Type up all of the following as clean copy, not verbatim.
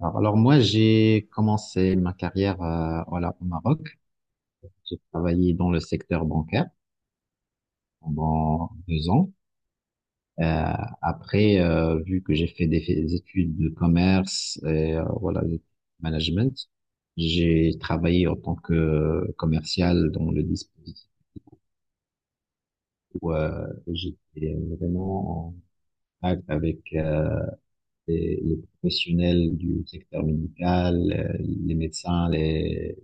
Alors moi, j'ai commencé ma carrière voilà, au Maroc. J'ai travaillé dans le secteur bancaire pendant 2 ans. Euh, après, vu que j'ai fait des études de commerce et voilà, de management, j'ai travaillé en tant que commercial dans le dispositif où j'étais vraiment en contact avec les professionnels du secteur médical, les médecins, les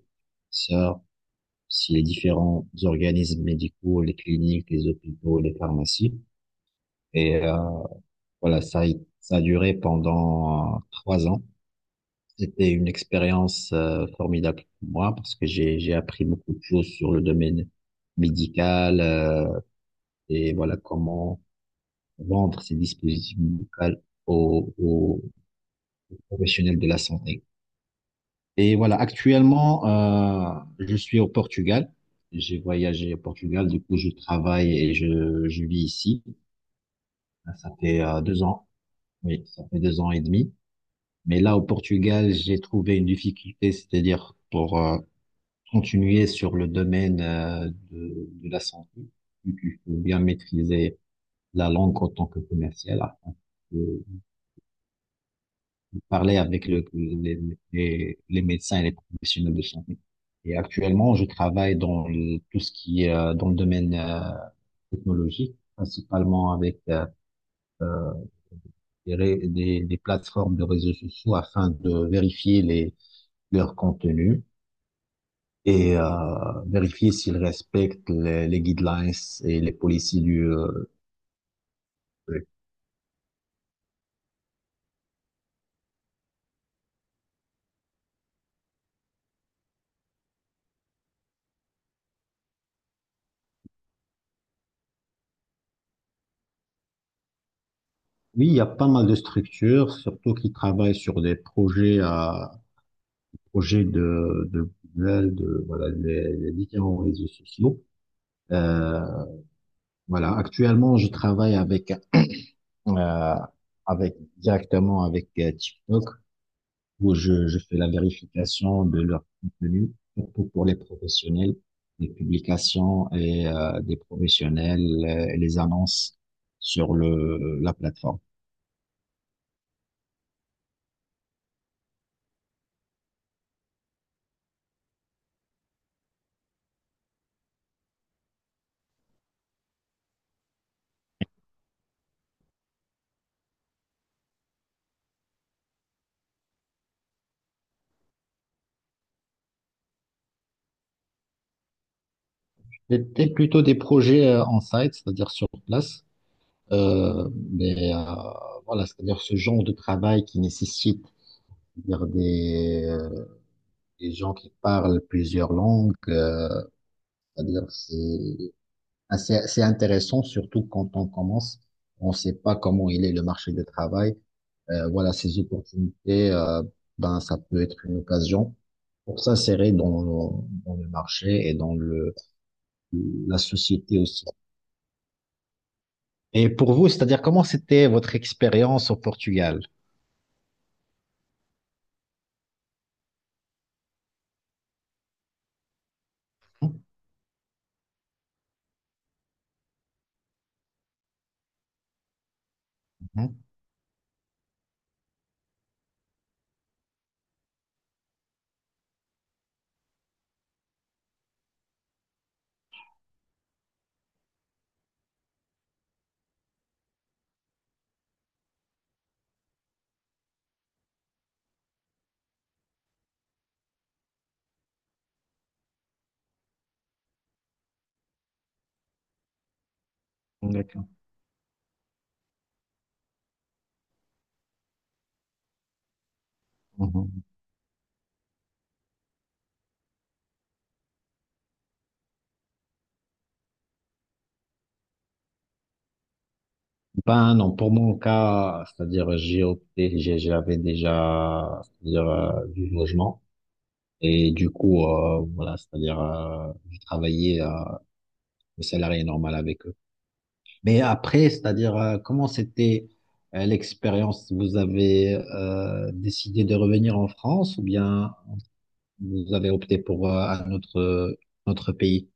sœurs. Si les différents organismes médicaux, les cliniques, les hôpitaux, les pharmacies. Et euh, voilà, ça, ça a duré pendant 3 ans. C'était une expérience formidable pour moi parce que j'ai appris beaucoup de choses sur le domaine médical, et voilà comment vendre ces dispositifs médicaux aux professionnels de la santé. Et voilà, actuellement, je suis au Portugal. J'ai voyagé au Portugal, du coup, je travaille et je vis ici. Ça fait 2 ans, oui, ça fait 2 ans et demi. Mais là, au Portugal, j'ai trouvé une difficulté, c'est-à-dire pour continuer sur le domaine de la santé, vu qu'il faut bien maîtriser la langue en tant que commercial, afin de parler avec les médecins et les professionnels de santé. Et actuellement, je travaille dans tout ce qui est dans le domaine technologique, principalement avec euh, des plateformes de réseaux sociaux afin de vérifier leur contenu et vérifier s'ils respectent les guidelines et les policies du. Oui, il y a pas mal de structures, surtout qui travaillent sur des projets projets de Google, de voilà, les différents réseaux sociaux. Euh, voilà, actuellement, je travaille avec euh, directement avec TikTok où je fais la vérification de leur contenu surtout pour les professionnels, les publications et des professionnels et les annonces sur le la plateforme. C'était plutôt des projets en site, c'est-à-dire sur place. Euh, mais euh, voilà, c'est-à-dire ce genre de travail qui nécessite c'est-à-dire des gens qui parlent plusieurs langues, c'est-à-dire c'est assez intéressant, surtout quand on commence, on ne sait pas comment il est le marché du travail. Voilà, ces opportunités, ben, ça peut être une occasion pour s'insérer dans le marché et dans la société aussi. Et pour vous, c'est-à-dire comment c'était votre expérience au Portugal? Mhm. D'accord. Mhm. Ben non, pour mon cas, c'est-à-dire j'avais déjà c'est-à-dire du logement et du coup voilà, c'est-à-dire je travaillais le salarié normal avec eux. Mais après, c'est-à-dire comment c'était l'expérience? Vous avez décidé de revenir en France ou bien vous avez opté pour un autre notre pays?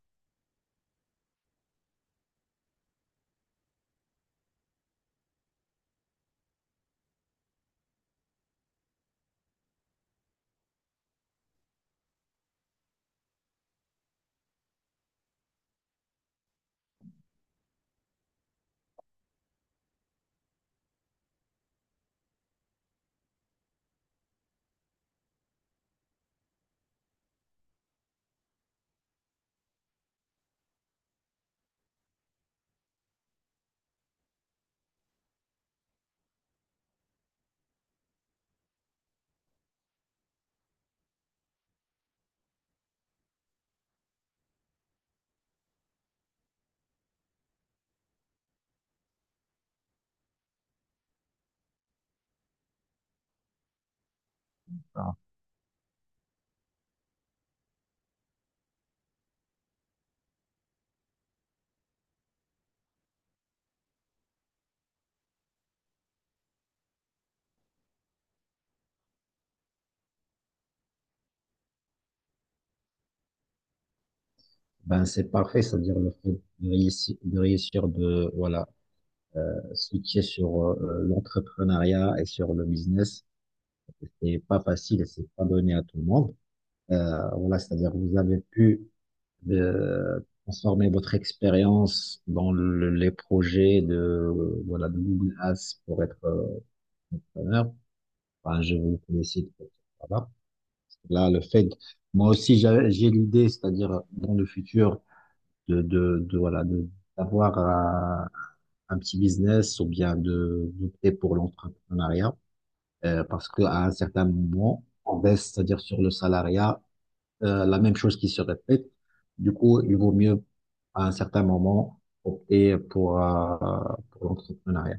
Ah. Ben c'est parfait, c'est-à-dire le fait de réussir de voilà. Ce qui est sur l'entrepreneuriat et sur le business, c'est pas facile et c'est pas donné à tout le monde. Voilà, c'est-à-dire vous avez pu transformer votre expérience dans les projets de voilà de Google Ads pour être entrepreneur. Enfin, je vous félicite pour ce travail. Là, le fait, moi aussi j'ai l'idée, c'est-à-dire dans le futur de voilà de d'avoir un petit business ou bien de d'opter pour l'entrepreneuriat. Parce qu'à un certain moment, on baisse, c'est-à-dire sur le salariat, la même chose qui se répète. Du coup, il vaut mieux, à un certain moment, opter pour l'entrepreneuriat.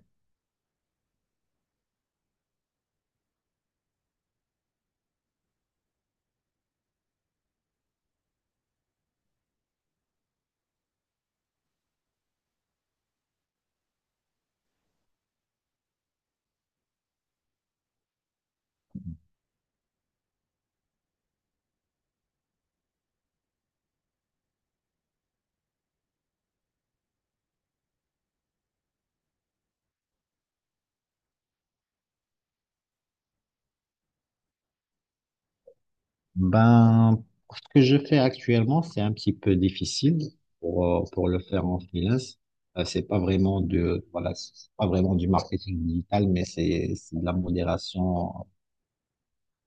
Ben, ce que je fais actuellement, c'est un petit peu difficile pour le faire en freelance. C'est pas vraiment de, voilà, c'est pas vraiment du marketing digital, mais c'est de la modération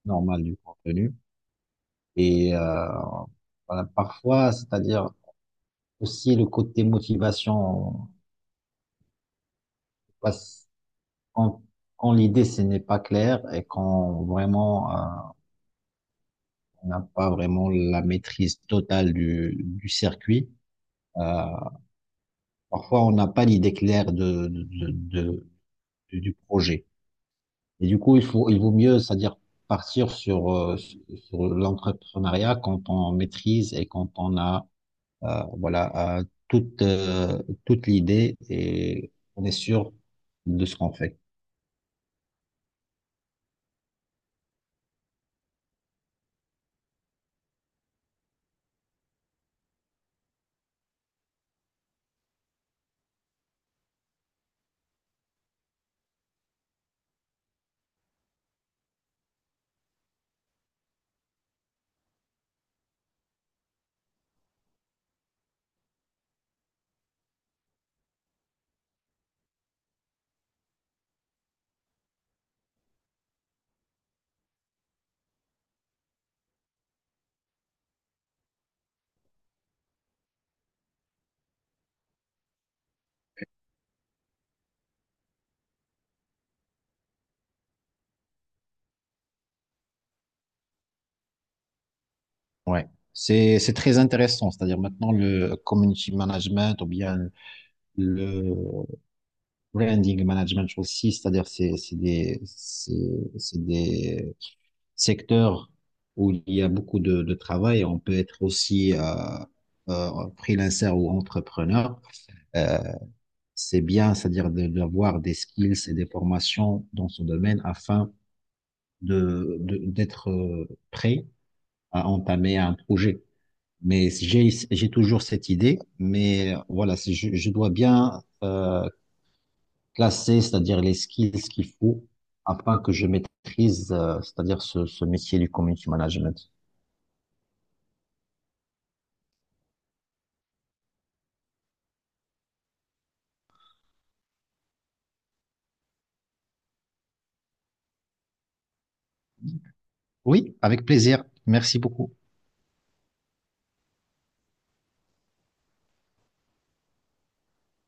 normale du contenu. Et, euh, voilà, parfois, c'est-à-dire, aussi, le côté motivation, parce qu'en- quand, l'idée, ce n'est pas clair et quand vraiment, on n'a pas vraiment la maîtrise totale du circuit, euh, parfois, on n'a pas l'idée claire de- du projet. Et du coup, il vaut mieux, c'est-à-dire partir sur, sur l'entrepreneuriat quand on maîtrise et quand on a, toute l'idée et on est sûr de ce qu'on fait. Ouais, c'est très intéressant. C'est-à-dire maintenant le community management ou bien le branding management aussi, c'est-à-dire c'est des secteurs où il y a beaucoup de travail. On peut être aussi euh, freelancer ou entrepreneur. Euh, c'est bien, c'est-à-dire d'avoir des skills et des formations dans ce domaine afin d'être prêt à entamer un projet. Mais j'ai toujours cette idée, mais voilà, je dois bien classer, c'est-à-dire les skills qu'il faut afin que je maîtrise, c'est-à-dire ce métier du community management. Oui, avec plaisir. Merci beaucoup.